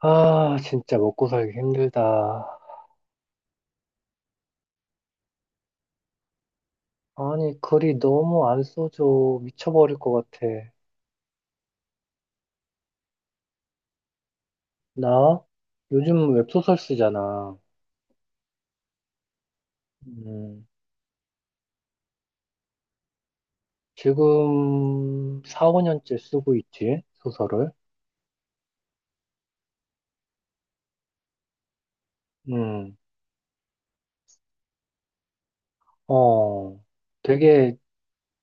아, 진짜 먹고 살기 힘들다. 아니, 글이 너무 안 써져. 미쳐버릴 것 같아. 나? 요즘 웹소설 쓰잖아. 음, 지금 4, 5년째 쓰고 있지, 소설을. 음, 어, 되게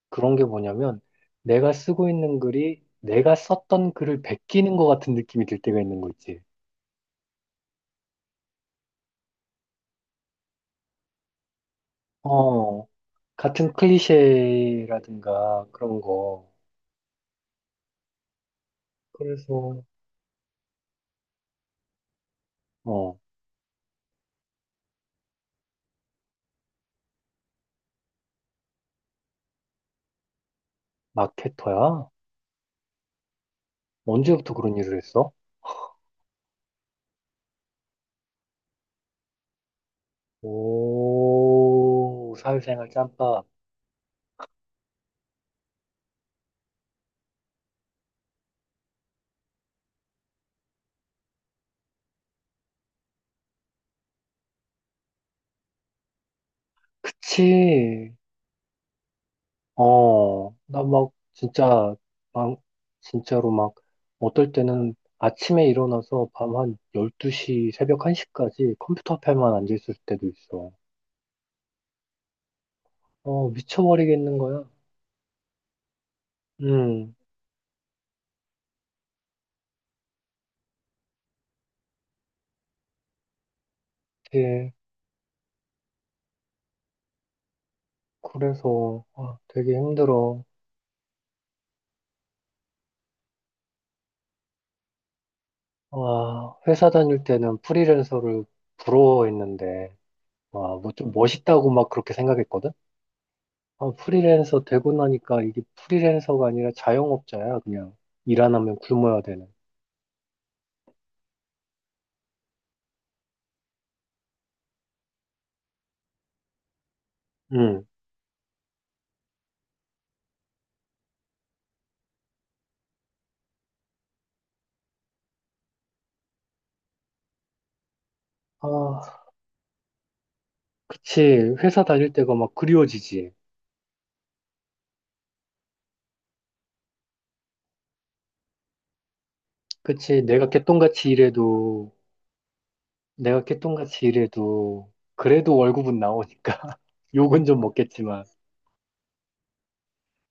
그런 게 뭐냐면, 내가 쓰고 있는 글이 내가 썼던 글을 베끼는 것 같은 느낌이 들 때가 있는 거 있지. 어, 같은 클리셰라든가 그런 거. 그래서, 어. 마케터야? 언제부터 그런 일을 했어? 오, 사회생활 짬밥. 그치. 어, 나 막, 진짜, 막, 진짜로 막, 어떨 때는 아침에 일어나서 밤 한 12시, 새벽 1시까지 컴퓨터 앞에만 앉아있을 때도 있어. 어, 미쳐버리겠는 거야. 음, 예. 그래서, 아, 되게 힘들어. 아, 회사 다닐 때는 프리랜서를 부러워했는데, 와, 뭐 좀 멋있다고 막 그렇게 생각했거든? 아, 프리랜서 되고 나니까 이게 프리랜서가 아니라 자영업자야, 그냥. 일 안 하면 굶어야 되는. 응. 아, 그치. 회사 다닐 때가 막 그리워지지. 그치. 내가 개똥같이 일해도, 내가 개똥같이 일해도, 그래도 월급은 나오니까. 욕은 좀 먹겠지만.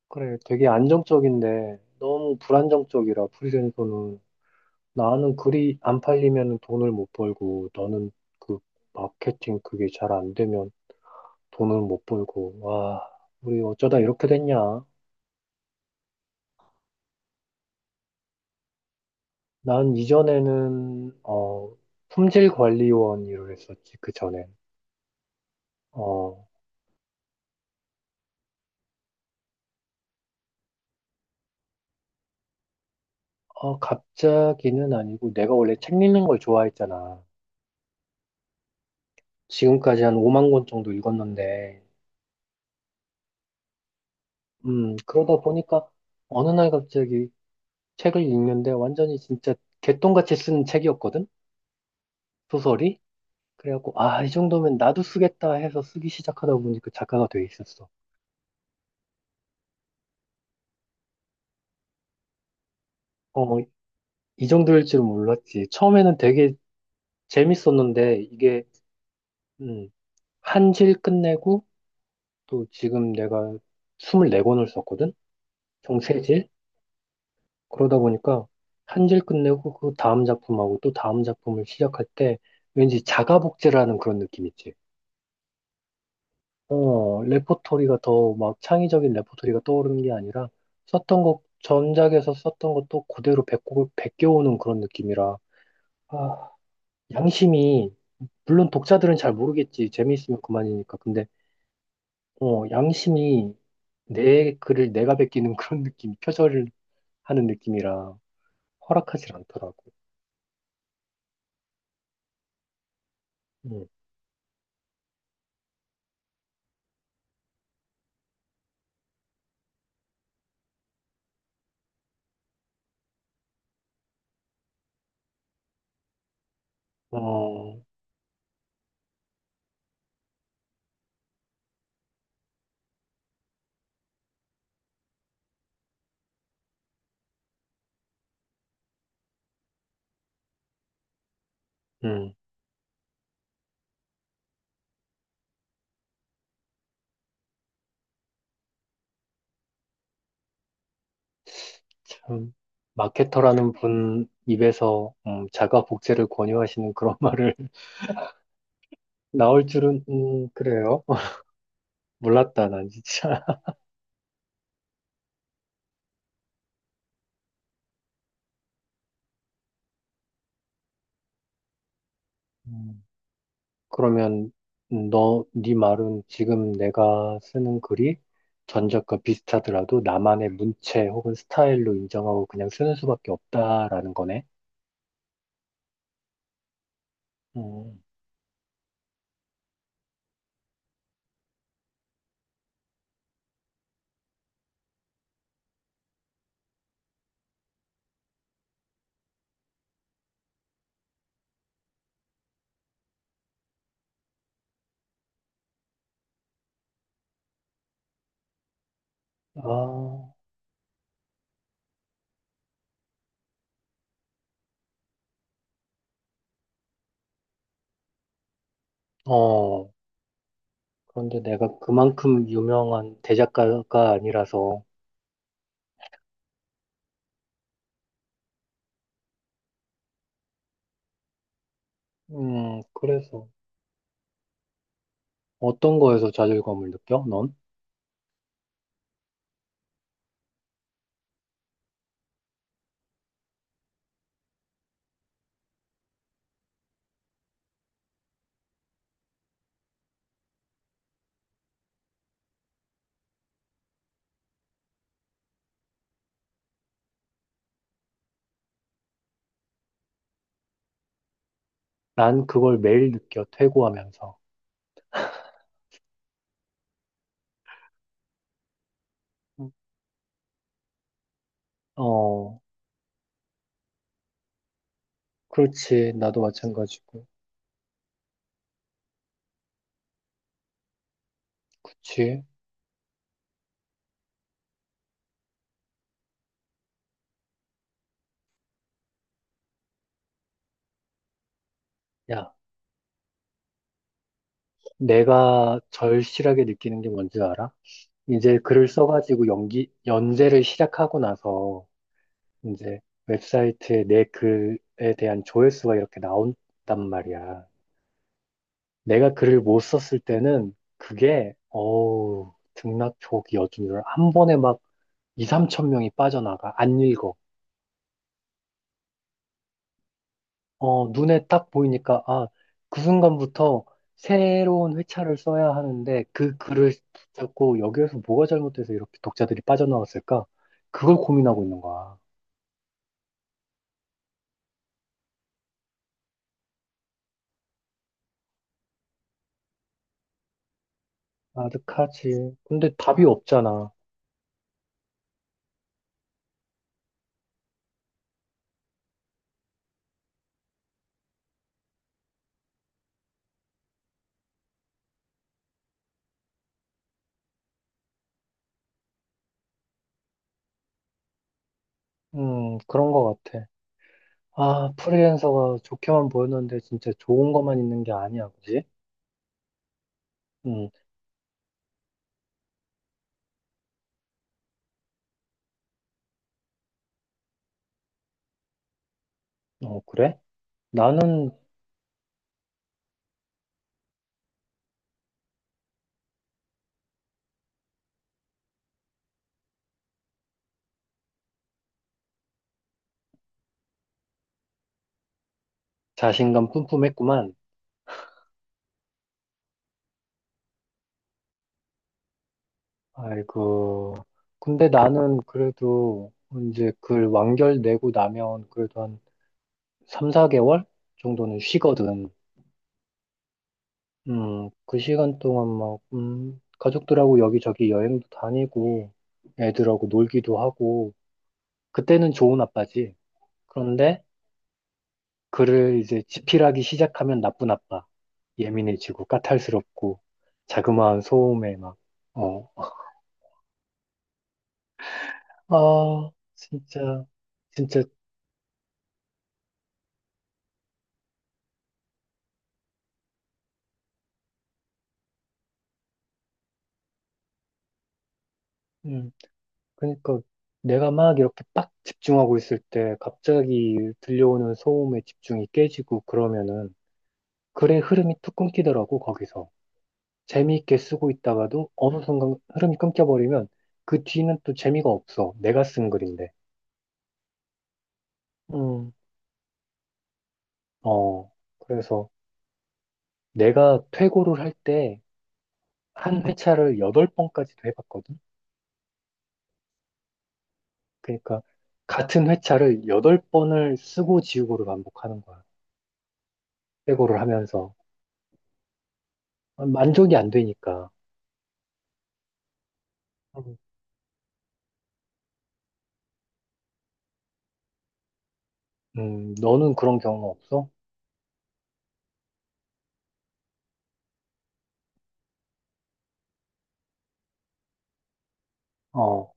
그래, 되게 안정적인데, 너무 불안정적이라, 프리랜서는. 나는 글이 안 팔리면 돈을 못 벌고, 너는 그 마케팅 그게 잘 안 되면 돈을 못 벌고, 와, 우리 어쩌다 이렇게 됐냐? 난 이전에는, 품질관리원 일을 했었지, 그 전엔. 어, 어, 갑자기는 아니고, 내가 원래 책 읽는 걸 좋아했잖아. 지금까지 한 5만 권 정도 읽었는데, 그러다 보니까 어느 날 갑자기 책을 읽는데 완전히 진짜 개똥같이 쓴 책이었거든? 소설이? 그래갖고, 아, 이 정도면 나도 쓰겠다 해서 쓰기 시작하다 보니까 작가가 돼 있었어. 어, 이 정도일 줄은 몰랐지. 처음에는 되게 재밌었는데, 이게, 음, 한질 끝내고, 또 지금 내가 24권을 썼거든? 총 세질 그러다 보니까, 한 질 끝내고, 그 다음 작품하고 또 다음 작품을 시작할 때, 왠지 자가복제라는 그런 느낌 있지. 어, 레포토리가 더 막 창의적인 레포토리가 떠오르는 게 아니라 썼던 곡, 전작에서 썼던 것도 그대로 배꼽을 베껴오는 그런 느낌이라, 아, 양심이, 물론 독자들은 잘 모르겠지. 재미있으면 그만이니까. 근데, 어, 양심이 내 글을 내가 베끼는 그런 느낌, 표절을 하는 느낌이라 허락하지 않더라고. 음, 어, 음, 참. 마케터라는 분 입에서 자가 복제를 권유하시는 그런 말을 나올 줄은, 그래요. 몰랐다, 난 진짜. 음, 그러면, 네 말은 지금 내가 쓰는 글이 전작과 비슷하더라도 나만의 문체 혹은 스타일로 인정하고 그냥 쓰는 수밖에 없다라는 거네. 음, 아, 어. 그런데 내가 그만큼 유명한 대작가가 아니라서, 그래서 어떤 거에서 좌절감을 느껴, 넌? 난 그걸 매일 느껴, 퇴고하면서. 어, 그렇지. 나도 마찬가지고. 그치. 야, 내가 절실하게 느끼는 게 뭔지 알아? 이제 글을 써가지고 연재를 시작하고 나서 이제 웹사이트에 내 글에 대한 조회수가 이렇게 나온단 말이야. 내가 글을 못 썼을 때는 그게, 어우, 등락촉이어준한 번에 막 2, 3천 명이 빠져나가. 안 읽어. 어, 눈에 딱 보이니까, 아, 그 순간부터 새로운 회차를 써야 하는데, 그 글을 붙잡고 여기에서 뭐가 잘못돼서 이렇게 독자들이 빠져나왔을까? 그걸 고민하고 있는 거야. 아득하지. 근데 답이 없잖아. 그런 거 같아. 아, 프리랜서가 좋게만 보였는데 진짜 좋은 것만 있는 게 아니야, 그지? 음, 어, 그래? 나는 자신감 뿜뿜했구만. 아이고. 근데 나는 그래도 이제 그 완결 내고 나면 그래도 한 3, 4개월 정도는 쉬거든. 그 시간 동안 막, 가족들하고 여기저기 여행도 다니고, 애들하고 놀기도 하고, 그때는 좋은 아빠지. 그런데 그를 이제 집필하기 시작하면 나쁜 아빠. 예민해지고, 까탈스럽고, 자그마한 소음에 막, 어, 아, 진짜, 진짜, 음, 그러니까 내가 막 이렇게 빡 집중하고 있을 때 갑자기 들려오는 소음에 집중이 깨지고 그러면은 글의 흐름이 툭 끊기더라고 거기서. 재미있게 쓰고 있다가도 어느 순간 흐름이 끊겨버리면 그 뒤는 또 재미가 없어, 내가 쓴 글인데. 음, 어, 그래서 내가 퇴고를 할 때 한 회차를 여덟 번까지도 해봤거든. 그러니까 같은 회차를 여덟 번을 쓰고 지우고를 반복하는 거야. 퇴고를 하면서 만족이 안 되니까. 너는 그런 경우 없어? 어,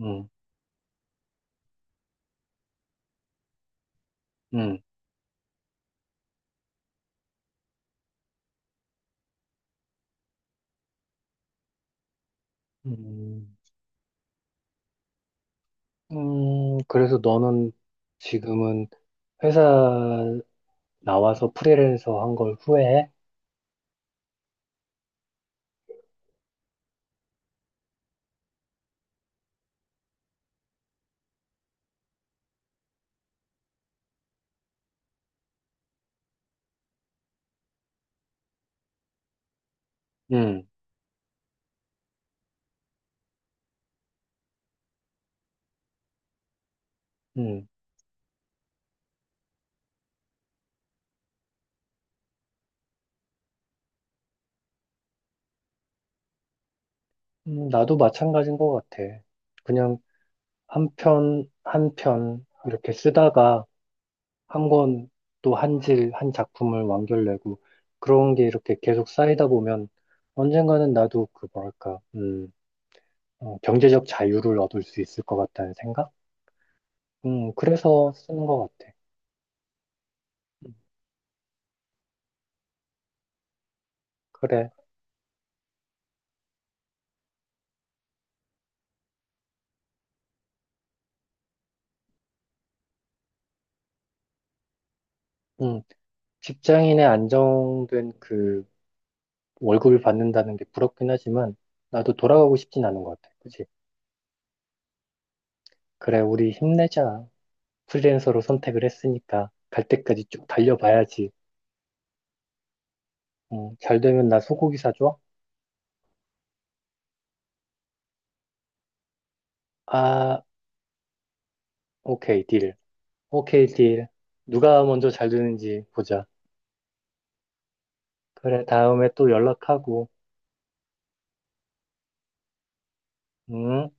음, 음, 음, 그래서 너는 지금은 회사 나와서 프리랜서 한 걸 후회해? 음, 음, 나도 마찬가지인 것 같아. 그냥 한 편, 한 편, 이렇게 쓰다가 한 권 또 한 질, 한 작품을 완결내고 그런 게 이렇게 계속 쌓이다 보면 언젠가는 나도 그 뭐랄까, 경제적 자유를 얻을 수 있을 것 같다는 생각? 그래서 쓰는 것 같아. 음, 그래. 음, 직장인의 안정된 그 월급을 받는다는 게 부럽긴 하지만 나도 돌아가고 싶진 않은 것 같아. 그치? 그래, 우리 힘내자. 프리랜서로 선택을 했으니까 갈 때까지 쭉 달려봐야지. 잘 되면 나 소고기 사줘? 아, 오케이, 딜. 오케이, 딜. 누가 먼저 잘 되는지 보자. 그래, 다음에 또 연락하고. 응?